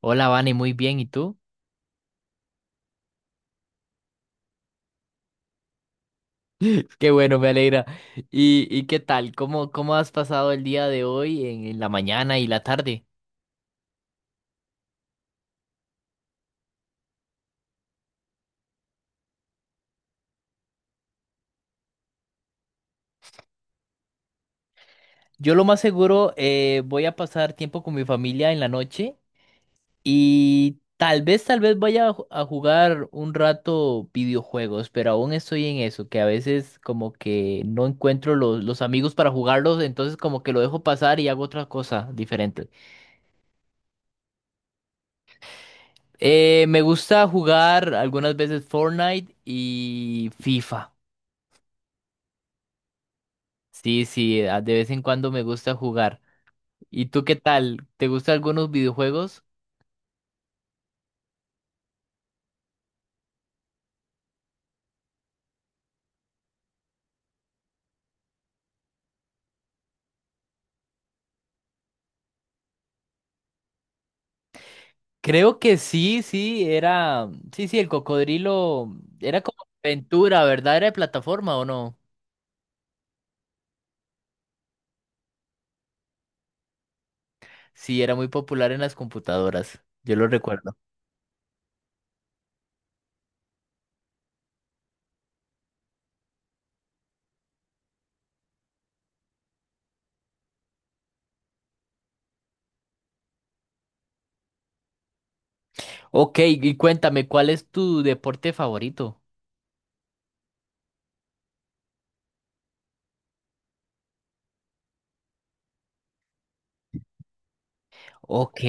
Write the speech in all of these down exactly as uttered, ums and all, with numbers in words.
Hola, Vane, muy bien, ¿y tú? Qué bueno, me alegra. ¿Y, y qué tal? ¿Cómo, cómo has pasado el día de hoy en, en la mañana y la tarde? Yo lo más seguro eh, voy a pasar tiempo con mi familia en la noche y tal vez, tal vez vaya a, ju- a jugar un rato videojuegos, pero aún estoy en eso, que a veces como que no encuentro los, los amigos para jugarlos, entonces como que lo dejo pasar y hago otra cosa diferente. Eh, me gusta jugar algunas veces Fortnite y FIFA. Sí, sí, a- de vez en cuando me gusta jugar. ¿Y tú qué tal? ¿Te gustan algunos videojuegos? Creo que sí, sí, era... Sí, sí, el cocodrilo era como aventura, ¿verdad? ¿Era de plataforma o no? Sí, era muy popular en las computadoras. Yo lo recuerdo. Ok, y cuéntame, ¿cuál es tu deporte favorito? Ok.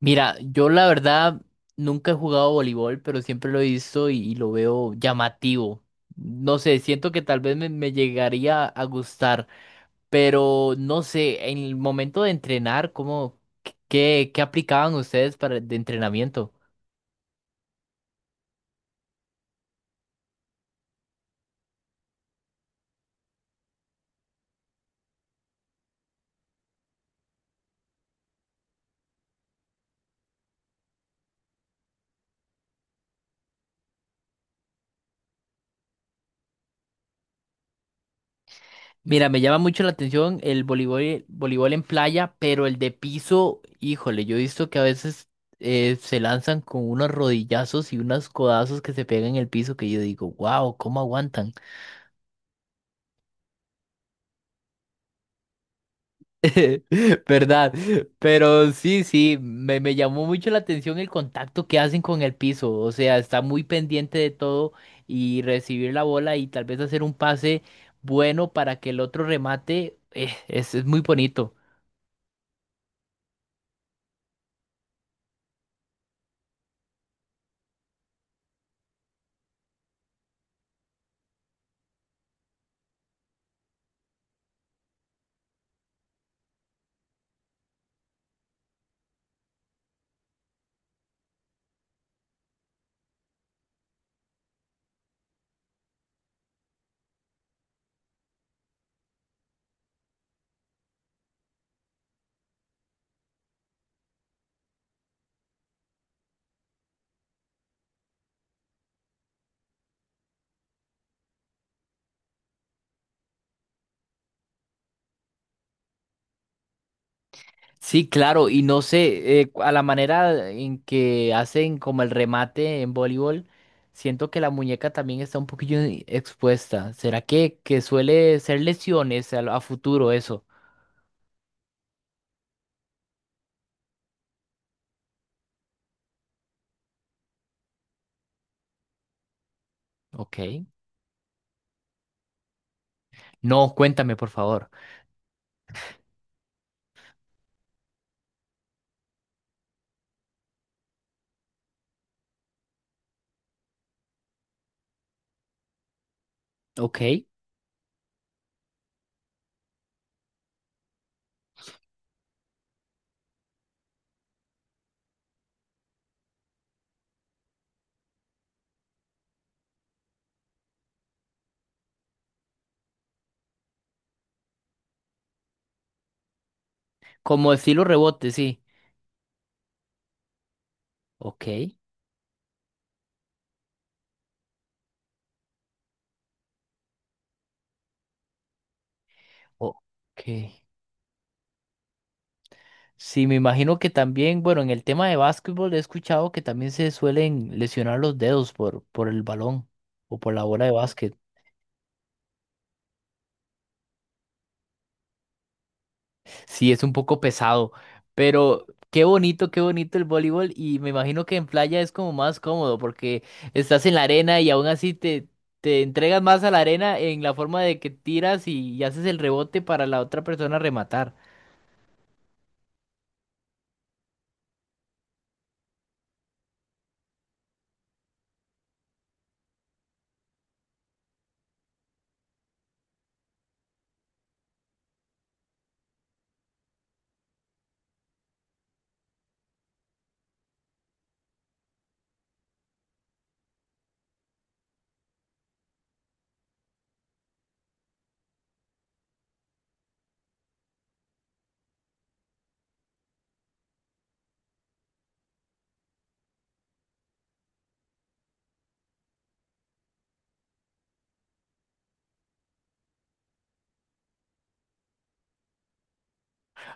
Mira, yo la verdad nunca he jugado voleibol, pero siempre lo he visto y, y lo veo llamativo. No sé, siento que tal vez me, me llegaría a gustar, pero no sé, en el momento de entrenar, ¿cómo, qué, qué aplicaban ustedes para de entrenamiento? Mira, me llama mucho la atención el voleibol, voleibol en playa, pero el de piso, híjole, yo he visto que a veces eh, se lanzan con unos rodillazos y unos codazos que se pegan en el piso que yo digo, wow, ¿cómo aguantan? ¿Verdad? Pero sí, sí, me, me llamó mucho la atención el contacto que hacen con el piso. O sea, está muy pendiente de todo y recibir la bola y tal vez hacer un pase bueno para que el otro remate. eh, es, es muy bonito. Sí, claro, y no sé, eh, a la manera en que hacen como el remate en voleibol, siento que la muñeca también está un poquillo i- expuesta. ¿Será que, que suele ser lesiones a, a futuro eso? Ok. No, cuéntame, por favor. Ok. Como estilo rebote, sí. Ok. Ok. Sí, me imagino que también, bueno, en el tema de básquetbol he escuchado que también se suelen lesionar los dedos por, por el balón o por la bola de básquet. Sí, es un poco pesado, pero qué bonito, qué bonito el voleibol y me imagino que en playa es como más cómodo porque estás en la arena y aún así te, te entregas más a la arena en la forma de que tiras y y haces el rebote para la otra persona rematar.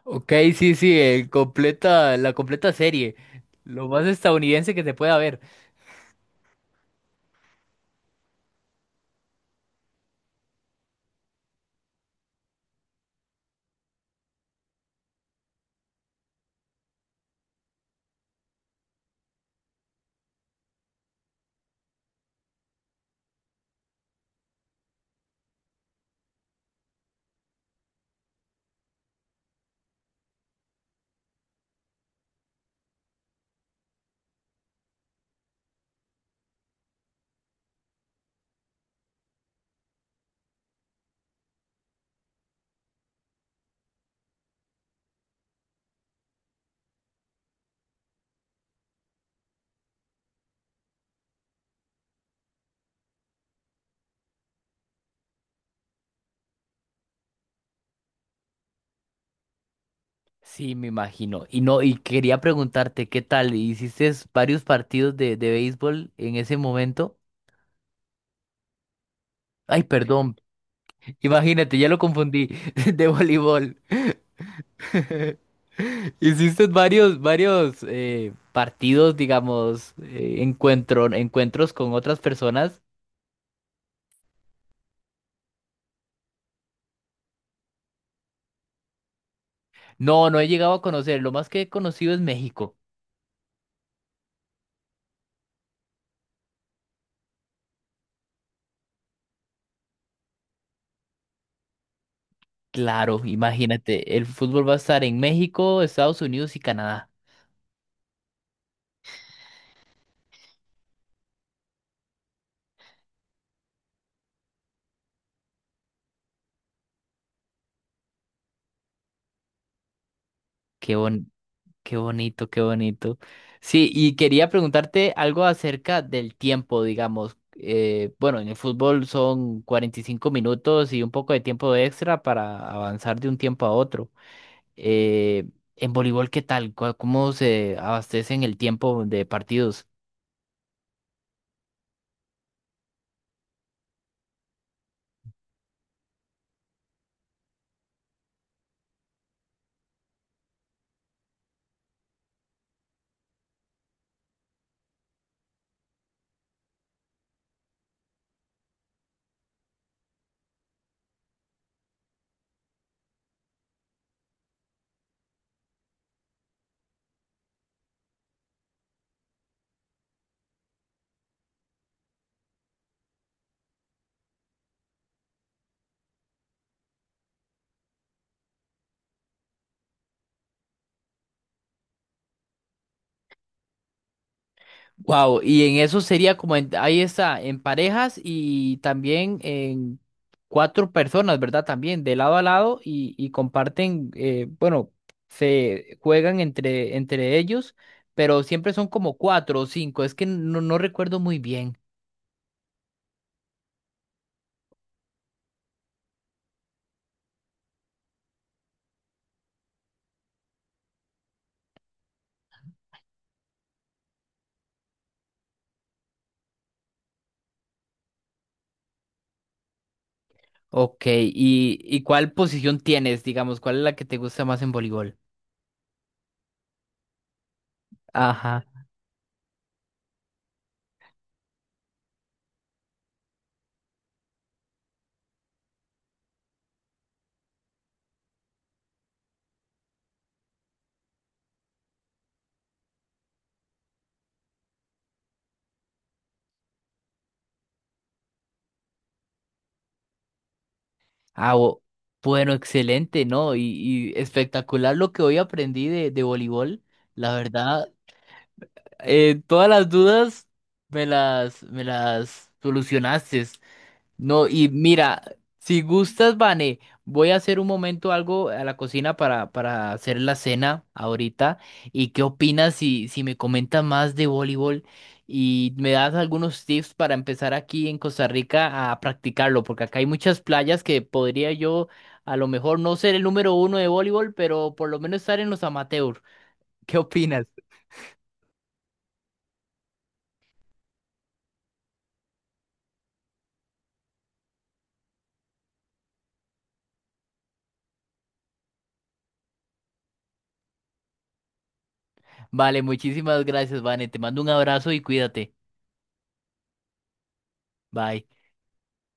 Ok, sí, sí, el completa, la completa serie. Lo más estadounidense que se pueda ver. Sí, me imagino. Y no, y quería preguntarte, ¿qué tal? ¿Hiciste varios partidos de, de béisbol en ese momento? Ay, perdón. Imagínate, ya lo confundí. De voleibol. ¿Hiciste varios, varios eh, partidos, digamos, eh, encuentro, encuentros con otras personas? No, no he llegado a conocer. Lo más que he conocido es México. Claro, imagínate, el fútbol va a estar en México, Estados Unidos y Canadá. Qué bon- qué bonito, qué bonito. Sí, y quería preguntarte algo acerca del tiempo, digamos. Eh, bueno, en el fútbol son cuarenta y cinco minutos y un poco de tiempo extra para avanzar de un tiempo a otro. Eh, en voleibol, ¿qué tal? ¿Cuál- ¿Cómo se abastecen el tiempo de partidos? Wow, y en eso sería como, en- ahí está, en parejas y también en cuatro personas, ¿verdad? También de lado a lado y, y comparten, eh, bueno, se juegan entre, entre ellos, pero siempre son como cuatro o cinco, es que no, no recuerdo muy bien. Ok, ¿y, y cuál posición tienes, digamos? ¿Cuál es la que te gusta más en voleibol? Ajá. Ah, o- bueno, excelente, ¿no? Y, y espectacular lo que hoy aprendí de, de voleibol. La verdad. eh, todas las dudas me las, me las solucionaste. No, y mira, si gustas, Vane, voy a hacer un momento algo a la cocina para, para hacer la cena ahorita. ¿Y qué opinas si, si me comentas más de voleibol y me das algunos tips para empezar aquí en Costa Rica a practicarlo? Porque acá hay muchas playas que podría yo a lo mejor no ser el número uno de voleibol, pero por lo menos estar en los amateurs. ¿Qué opinas? Vale, muchísimas gracias, Vane. Te mando un abrazo y cuídate. Bye.